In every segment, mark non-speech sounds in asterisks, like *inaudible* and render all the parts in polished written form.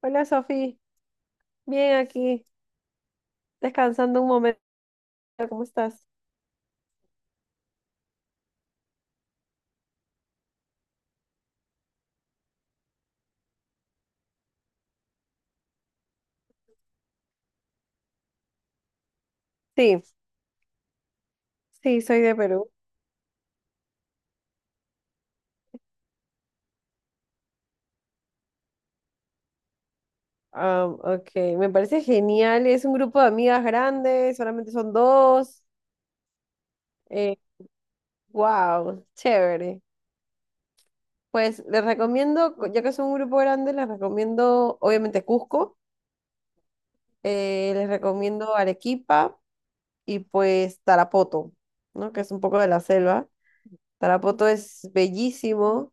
Hola Sofi, bien aquí, descansando un momento, ¿cómo estás? Sí, sí, soy de Perú. Ah, ok, me parece genial, es un grupo de amigas grandes, solamente son dos. Eh, wow, chévere. Pues les recomiendo, ya que son un grupo grande, les recomiendo obviamente Cusco, les recomiendo Arequipa y pues Tarapoto, ¿no? Que es un poco de la selva. Tarapoto es bellísimo.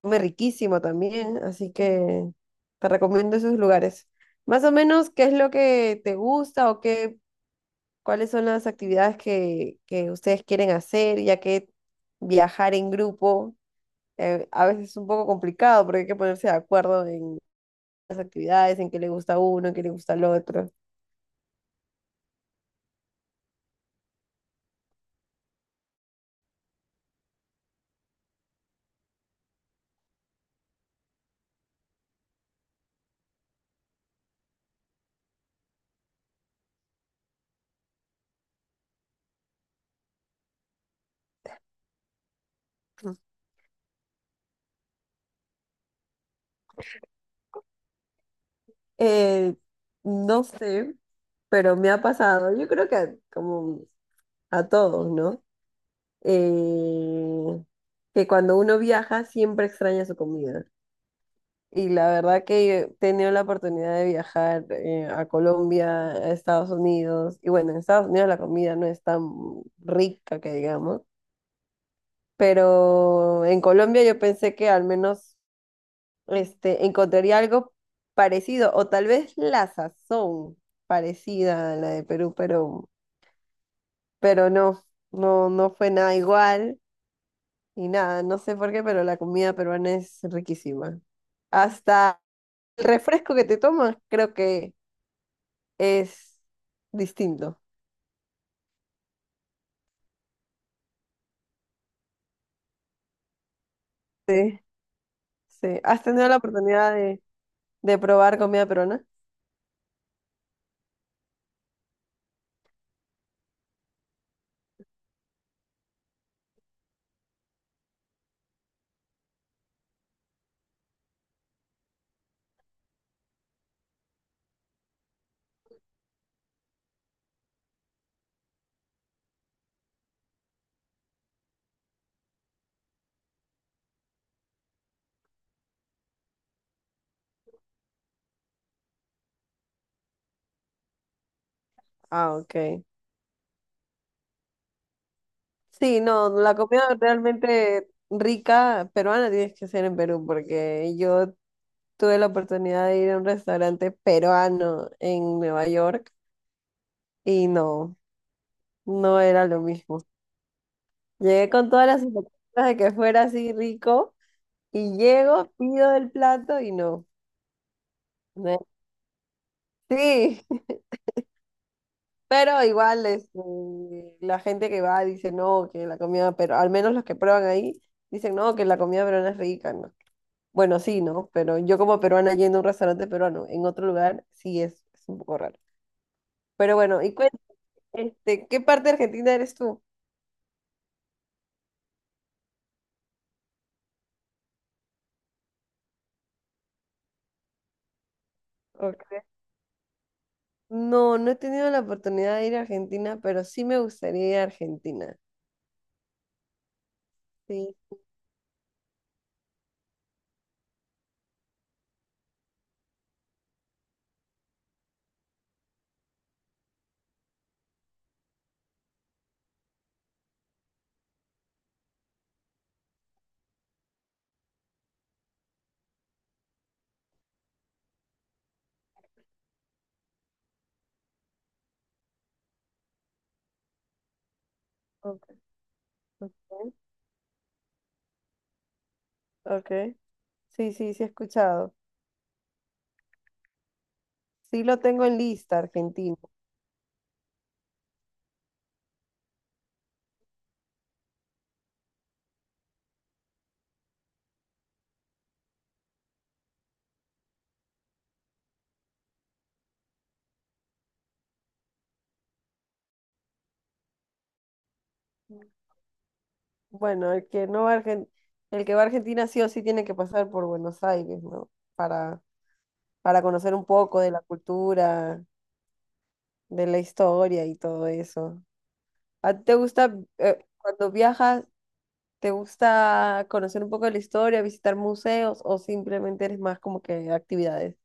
Come riquísimo también, así que te recomiendo esos lugares. Más o menos, ¿qué es lo que te gusta o qué, cuáles son las actividades que ustedes quieren hacer, ya que viajar en grupo a veces es un poco complicado porque hay que ponerse de acuerdo en las actividades, en qué le gusta a uno, en qué le gusta al otro. Eh, no sé, pero me ha pasado. Yo creo que como a todos, ¿no? eh, que cuando uno viaja siempre extraña su comida. Y la verdad que he tenido la oportunidad de viajar a Colombia, a Estados Unidos, y bueno, en Estados Unidos la comida no es tan rica que digamos, pero en Colombia yo pensé que al menos este, encontraría algo parecido, o tal vez la sazón parecida a la de Perú, pero no, no, no fue nada igual. Y nada, no sé por qué, pero la comida peruana es riquísima. Hasta el refresco que te tomas creo que es distinto. Sí, sí. ¿Has tenido la oportunidad de probar comida peruana? Ah, ok. Sí, no, la comida realmente rica peruana tienes que ser en Perú, porque yo tuve la oportunidad de ir a un restaurante peruano en Nueva York y no, no era lo mismo. Llegué con todas las expectativas de que fuera así rico. Y llego, pido el plato y no. no es- Sí, *laughs* pero igual este, la gente que va dice no, que la comida, pero al menos los que prueban ahí dicen no, que la comida peruana es rica, ¿no? Bueno, sí, ¿no? Pero yo como peruana yendo a un restaurante peruano en otro lugar, sí es un poco raro. Pero bueno, y cuéntame, este, ¿qué parte de Argentina eres tú? ¿O No, no he tenido la oportunidad de ir a Argentina, pero sí me gustaría ir a Argentina. Sí, ok, ok. Ok. Sí, sí, sí he escuchado. Sí lo tengo en lista, Argentina. Bueno, el que no va a Argen- el que va a Argentina sí o sí tiene que pasar por Buenos Aires, ¿no? Para, para conocer un poco de la cultura, de la historia y todo eso. ¿A ti te gusta, cuando viajas, te gusta conocer un poco de la historia, visitar museos o simplemente eres más como que actividades?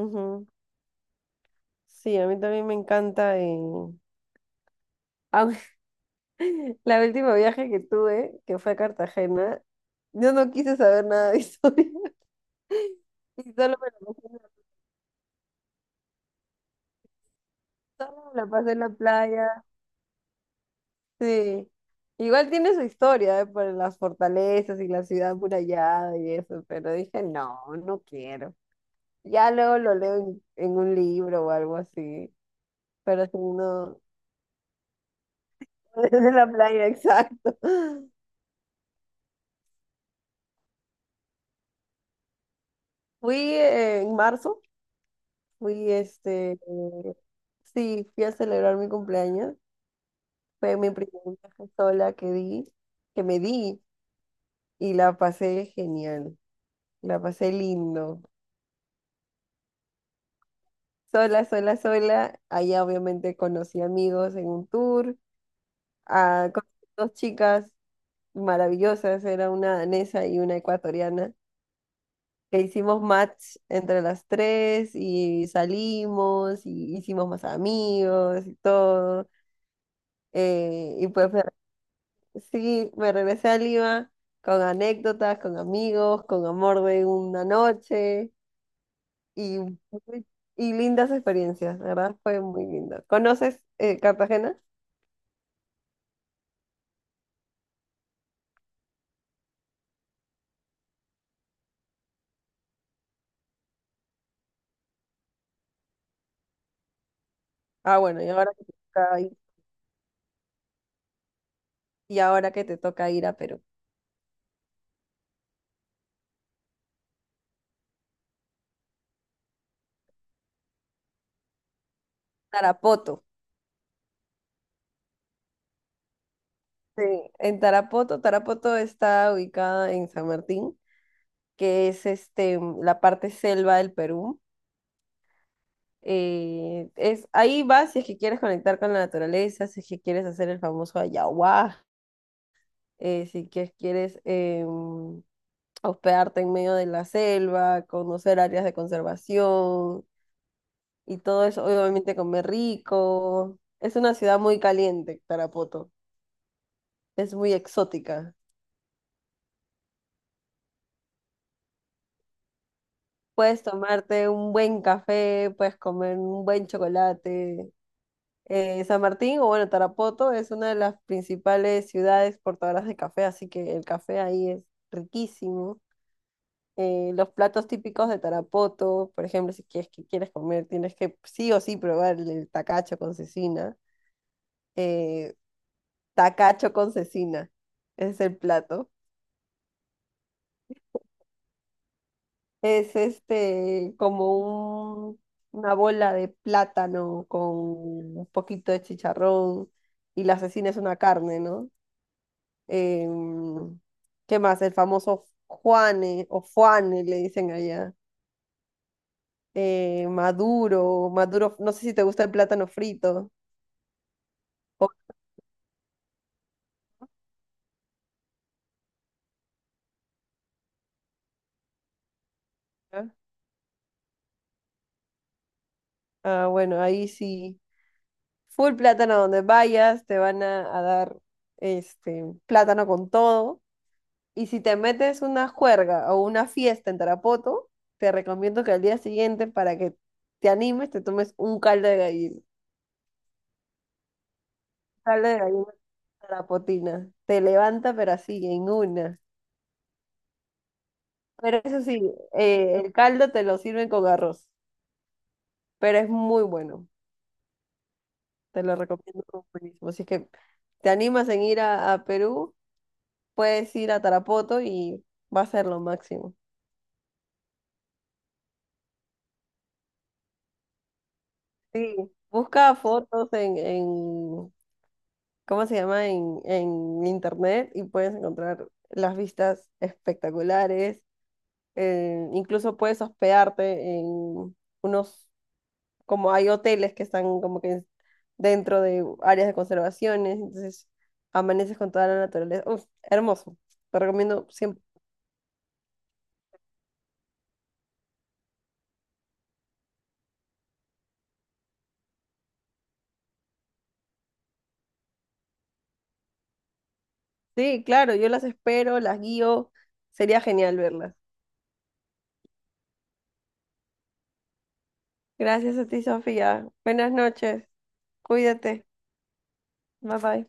Ujú. Sí, a mí también me encanta. *laughs* Aunque *laughs* la última viaje que tuve, que fue a Cartagena, yo no quise saber nada de historia *laughs* y solo me la pasé en la, solo me la pasé en la playa. Sí, igual tiene su historia, ¿eh? Por las fortalezas y la ciudad amurallada y eso, pero dije, no, no quiero. Ya luego lo leo en un libro o algo así, pero si no, *laughs* desde la playa, exacto. Fui en marzo, fui este, sí, fui a celebrar mi cumpleaños. Fue mi primer viaje sola que di, que me di y la pasé genial, la pasé lindo. Sola, sola, sola. Allá obviamente conocí amigos en un tour, ah, conocí dos chicas maravillosas, era una danesa y una ecuatoriana, que hicimos match entre las tres y salimos y hicimos más amigos y todo. eh, y pues Sí, me regresé a Lima con anécdotas, con amigos, con amor de una noche y, y lindas experiencias, la ¿verdad? Fue muy lindo. ¿Conoces Cartagena? Ah, bueno, y ahora que te toca ir a Perú. Tarapoto. Sí, en Tarapoto. Tarapoto está ubicada en San Martín, que es este, la parte selva del Perú. Ahí vas si es que quieres conectar con la naturaleza, si es que quieres hacer el famoso ayahuasca, si que quieres hospedarte en medio de la selva, conocer áreas de conservación y todo eso, obviamente comer rico. Es una ciudad muy caliente, Tarapoto. Es muy exótica. Puedes tomarte un buen café, puedes comer un buen chocolate. San Martín, o bueno, Tarapoto es una de las principales ciudades portadoras de café, así que el café ahí es riquísimo. Los platos típicos de Tarapoto, por ejemplo, si quieres, que quieres comer, tienes que sí o sí probar el tacacho con cecina. Eh, Tacacho con cecina es el plato. Es este una bola de plátano con un poquito de chicharrón y la cecina es una carne, ¿no? Em, ¿Qué más? El famoso Juane o Juane le dicen allá, maduro, maduro, no sé si te gusta el plátano frito. Ojalá. Ah, bueno, ahí sí. Full plátano donde vayas, te van a dar este plátano con todo. Y si te metes una juerga o una fiesta en Tarapoto, te recomiendo que al día siguiente, para que te animes, te tomes un caldo de gallina. Caldo de gallina tarapotina. Te levanta, pero así, en una. Pero eso sí, el caldo te lo sirven con arroz, pero es muy bueno. Te lo recomiendo como buenísimo. Así que te animas en ir a Perú. Puedes ir a Tarapoto y va a ser lo máximo. Sí. Busca fotos en ¿cómo se llama? En internet y puedes encontrar las vistas espectaculares. Incluso puedes hospedarte en unos, como hay hoteles que están como que dentro de áreas de conservaciones, entonces amaneces con toda la naturaleza. Uf, hermoso. Te recomiendo siempre. Sí, claro, yo las espero, las guío. Sería genial verlas. Gracias a ti, Sofía. Buenas noches. Cuídate. Bye bye.